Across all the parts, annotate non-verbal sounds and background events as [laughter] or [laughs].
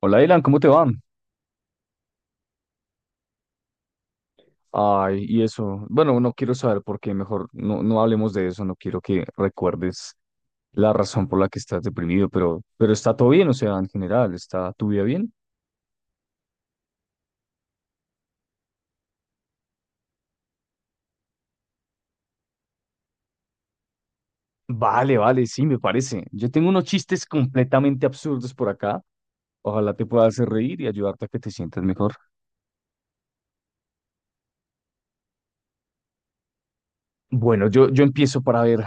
Hola, Dylan, ¿cómo te va? Ay, y eso, bueno, no quiero saber por qué, mejor no, no hablemos de eso, no quiero que recuerdes la razón por la que estás deprimido, pero está todo bien, o sea, en general, ¿está tu vida bien? Vale, vale, sí, me parece. Yo tengo unos chistes completamente absurdos por acá, ojalá te pueda hacer reír y ayudarte a que te sientas mejor. Bueno, yo empiezo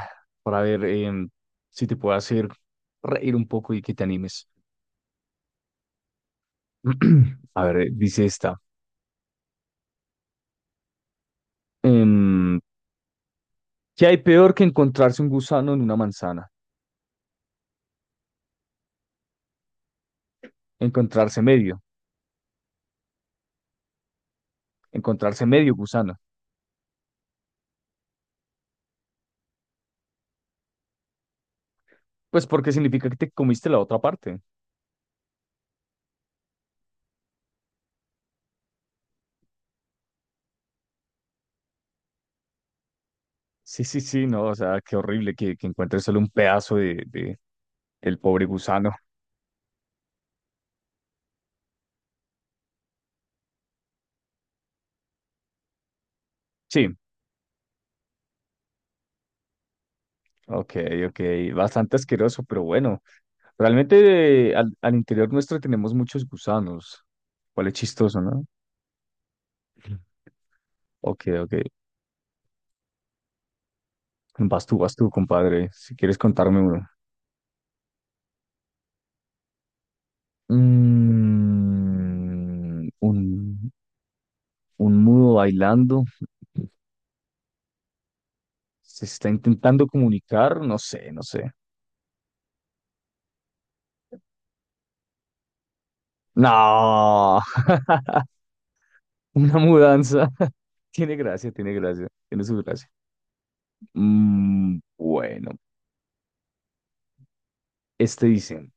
para ver si te puedo hacer reír un poco y que te animes. [clears throat] A ver, dice esta. Em, ¿Qué hay peor que encontrarse un gusano en una manzana? Encontrarse medio, encontrarse medio gusano. Pues porque significa que te comiste la otra parte. Sí, sí, sí, no, o sea, qué horrible que encuentres solo un pedazo del pobre gusano. Sí, ok, ok, bastante asqueroso, pero bueno, realmente al, al interior nuestro tenemos muchos gusanos. Cuál es chistoso, ¿no? Sí. Ok, ok. Vas tú, compadre, si quieres contarme uno. Mm, un, Un mudo bailando. Se está intentando comunicar. No sé, no sé. No. [laughs] Una mudanza. [laughs] Tiene gracia, tiene gracia. Tiene su gracia. Mm, bueno. Este dice,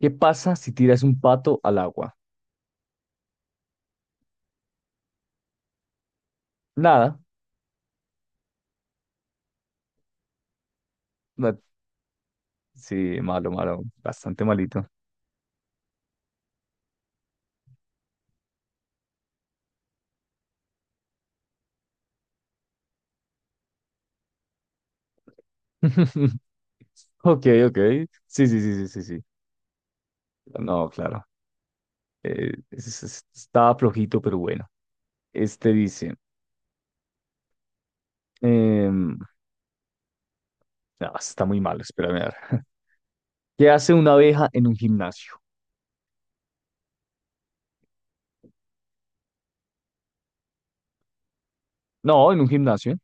¿qué pasa si tiras un pato al agua? Nada. Na- Sí, malo, malo. Bastante malito. [laughs] Ok, ok. Sí, sí, sí, sí, sí, sí. No, claro. Estaba flojito, pero bueno. Este dice, em, no, está muy mal, espérame a ver. [laughs] ¿Qué hace una abeja en un gimnasio? No, en un gimnasio.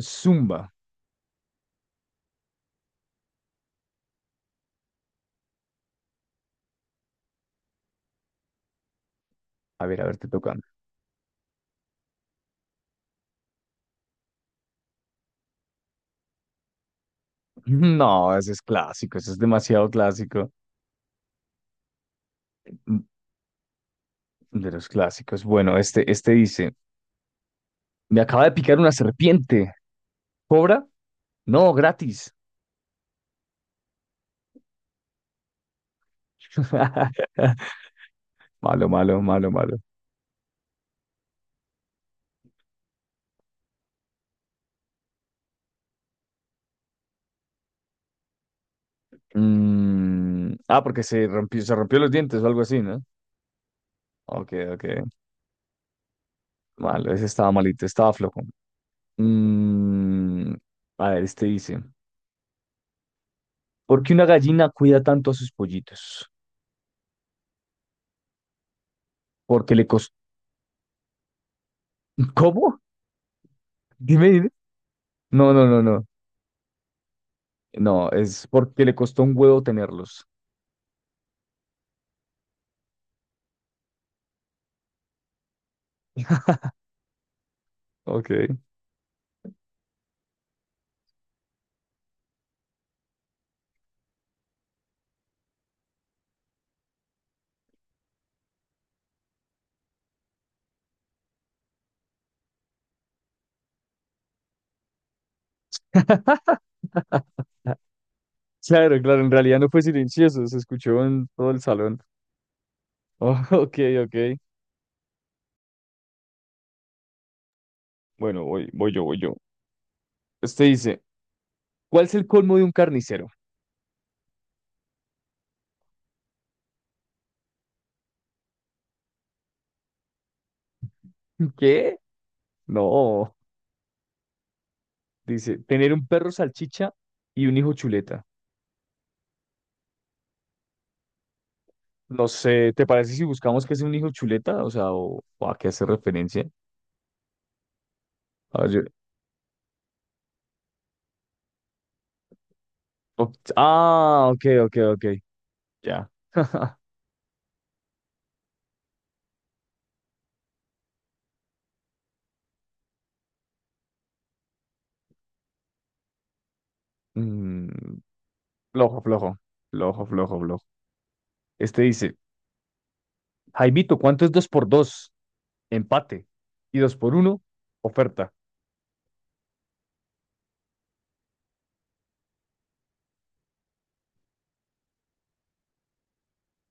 Zumba. A ver, te toca. [laughs] No, ese es clásico, ese es demasiado clásico. Mm, de los clásicos. Bueno, este dice, me acaba de picar una serpiente. ¿Cobra? No, gratis. [laughs] Malo, malo, malo, malo. Porque se rompió los dientes o algo así, ¿no? Ok, ok. Malo, ese estaba malito, estaba flojo. Mm, a ver, este dice, ¿por qué una gallina cuida tanto a sus pollitos? Porque le costó... [laughs] ¿Cómo? Dime, dime. No, no, no, no. No, es porque le costó un huevo tenerlos. Ok. [laughs] Claro, claro, en realidad no fue silencioso, se escuchó en todo el salón. Oh, [laughs] ok, ok. Bueno, voy yo. Este dice, ¿cuál es el colmo de un carnicero? [laughs] ¿Qué? No, dice, tener un perro salchicha y un hijo chuleta. No sé, ¿te parece si buscamos que es un hijo chuleta? O sea, o a qué hace referencia. A ver, yo- o- ah, ok, ok, ok. Ya. [laughs] Mm, flojo, flojo. Flojo, flojo, flojo. Este dice, Jaimito, ¿cuánto es dos por dos? Empate. Y dos por uno, oferta.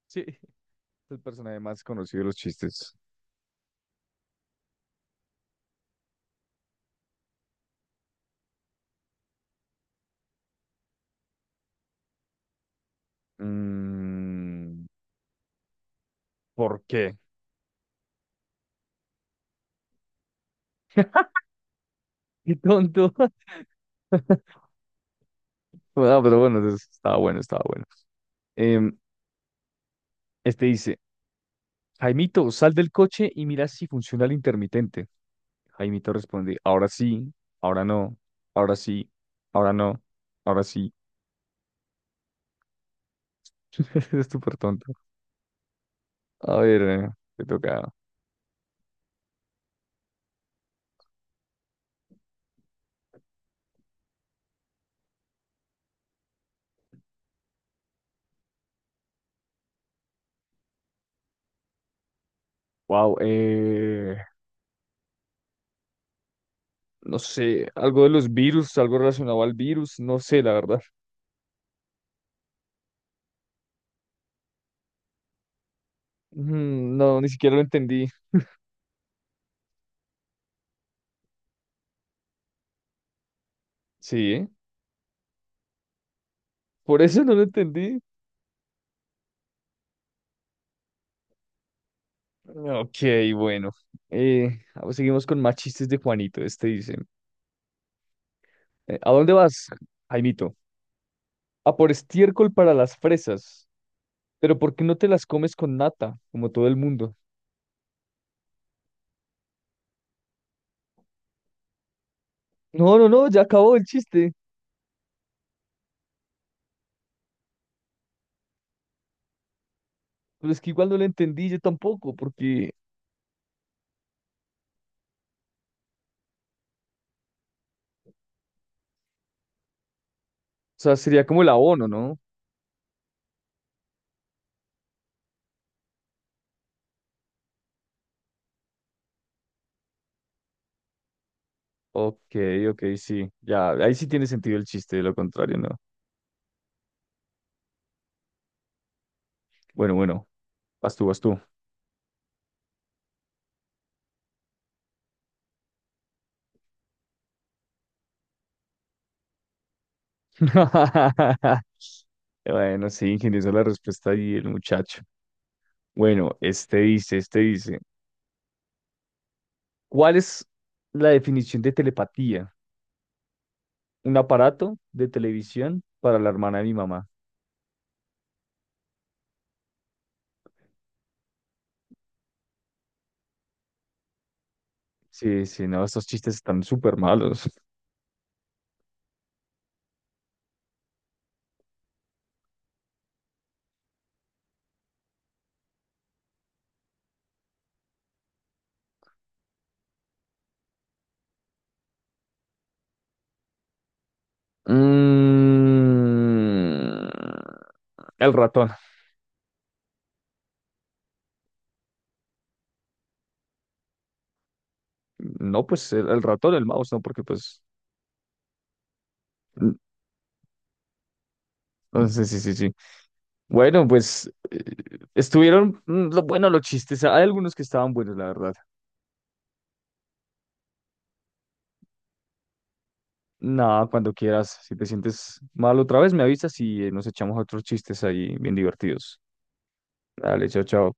Sí, el personaje más conocido de los chistes. Mm, ¿por qué? Qué tonto. [laughs] Bueno, pero bueno, entonces, estaba bueno, estaba bueno. Em, este dice. Jaimito, sal del coche y mira si funciona el intermitente. Jaimito responde, ahora sí, ahora no, ahora sí, ahora no, ahora sí. [laughs] Es súper tonto. A ver, te toca. Wow, no sé, algo de los virus, algo relacionado al virus, no sé, la verdad. Mm, no, ni siquiera lo entendí. Sí, por eso no lo entendí. Ok, bueno. Eh, pues seguimos con más chistes de Juanito. Este dice, ¿a dónde vas, Jaimito? A por estiércol para las fresas. Pero ¿por qué no te las comes con nata, como todo el mundo? No, no, no, ya acabó el chiste. Pero es que igual no lo entendí yo tampoco, porque, o sea, sería como el abono, ¿no? Ok, ok, sí. Ya, ahí sí tiene sentido el chiste, de lo contrario, ¿no? Bueno, bueno, vas tú. [laughs] Bueno, sí, ingeniosa la respuesta y el muchacho. Bueno, este dice, ¿cuál es la definición de telepatía? Un aparato de televisión para la hermana de mi mamá. Sí, sí, no, estos chistes están súper malos. Mm, el ratón. No, pues el ratón, el mouse, no, porque pues. mm, No, sí, sí, sí, sí. Bueno, pues estuvieron lo bueno los chistes. Hay algunos que estaban buenos, la verdad. Nada, cuando quieras. Si te sientes mal otra vez, me avisas y nos echamos otros chistes ahí bien divertidos. Dale, chao, chao.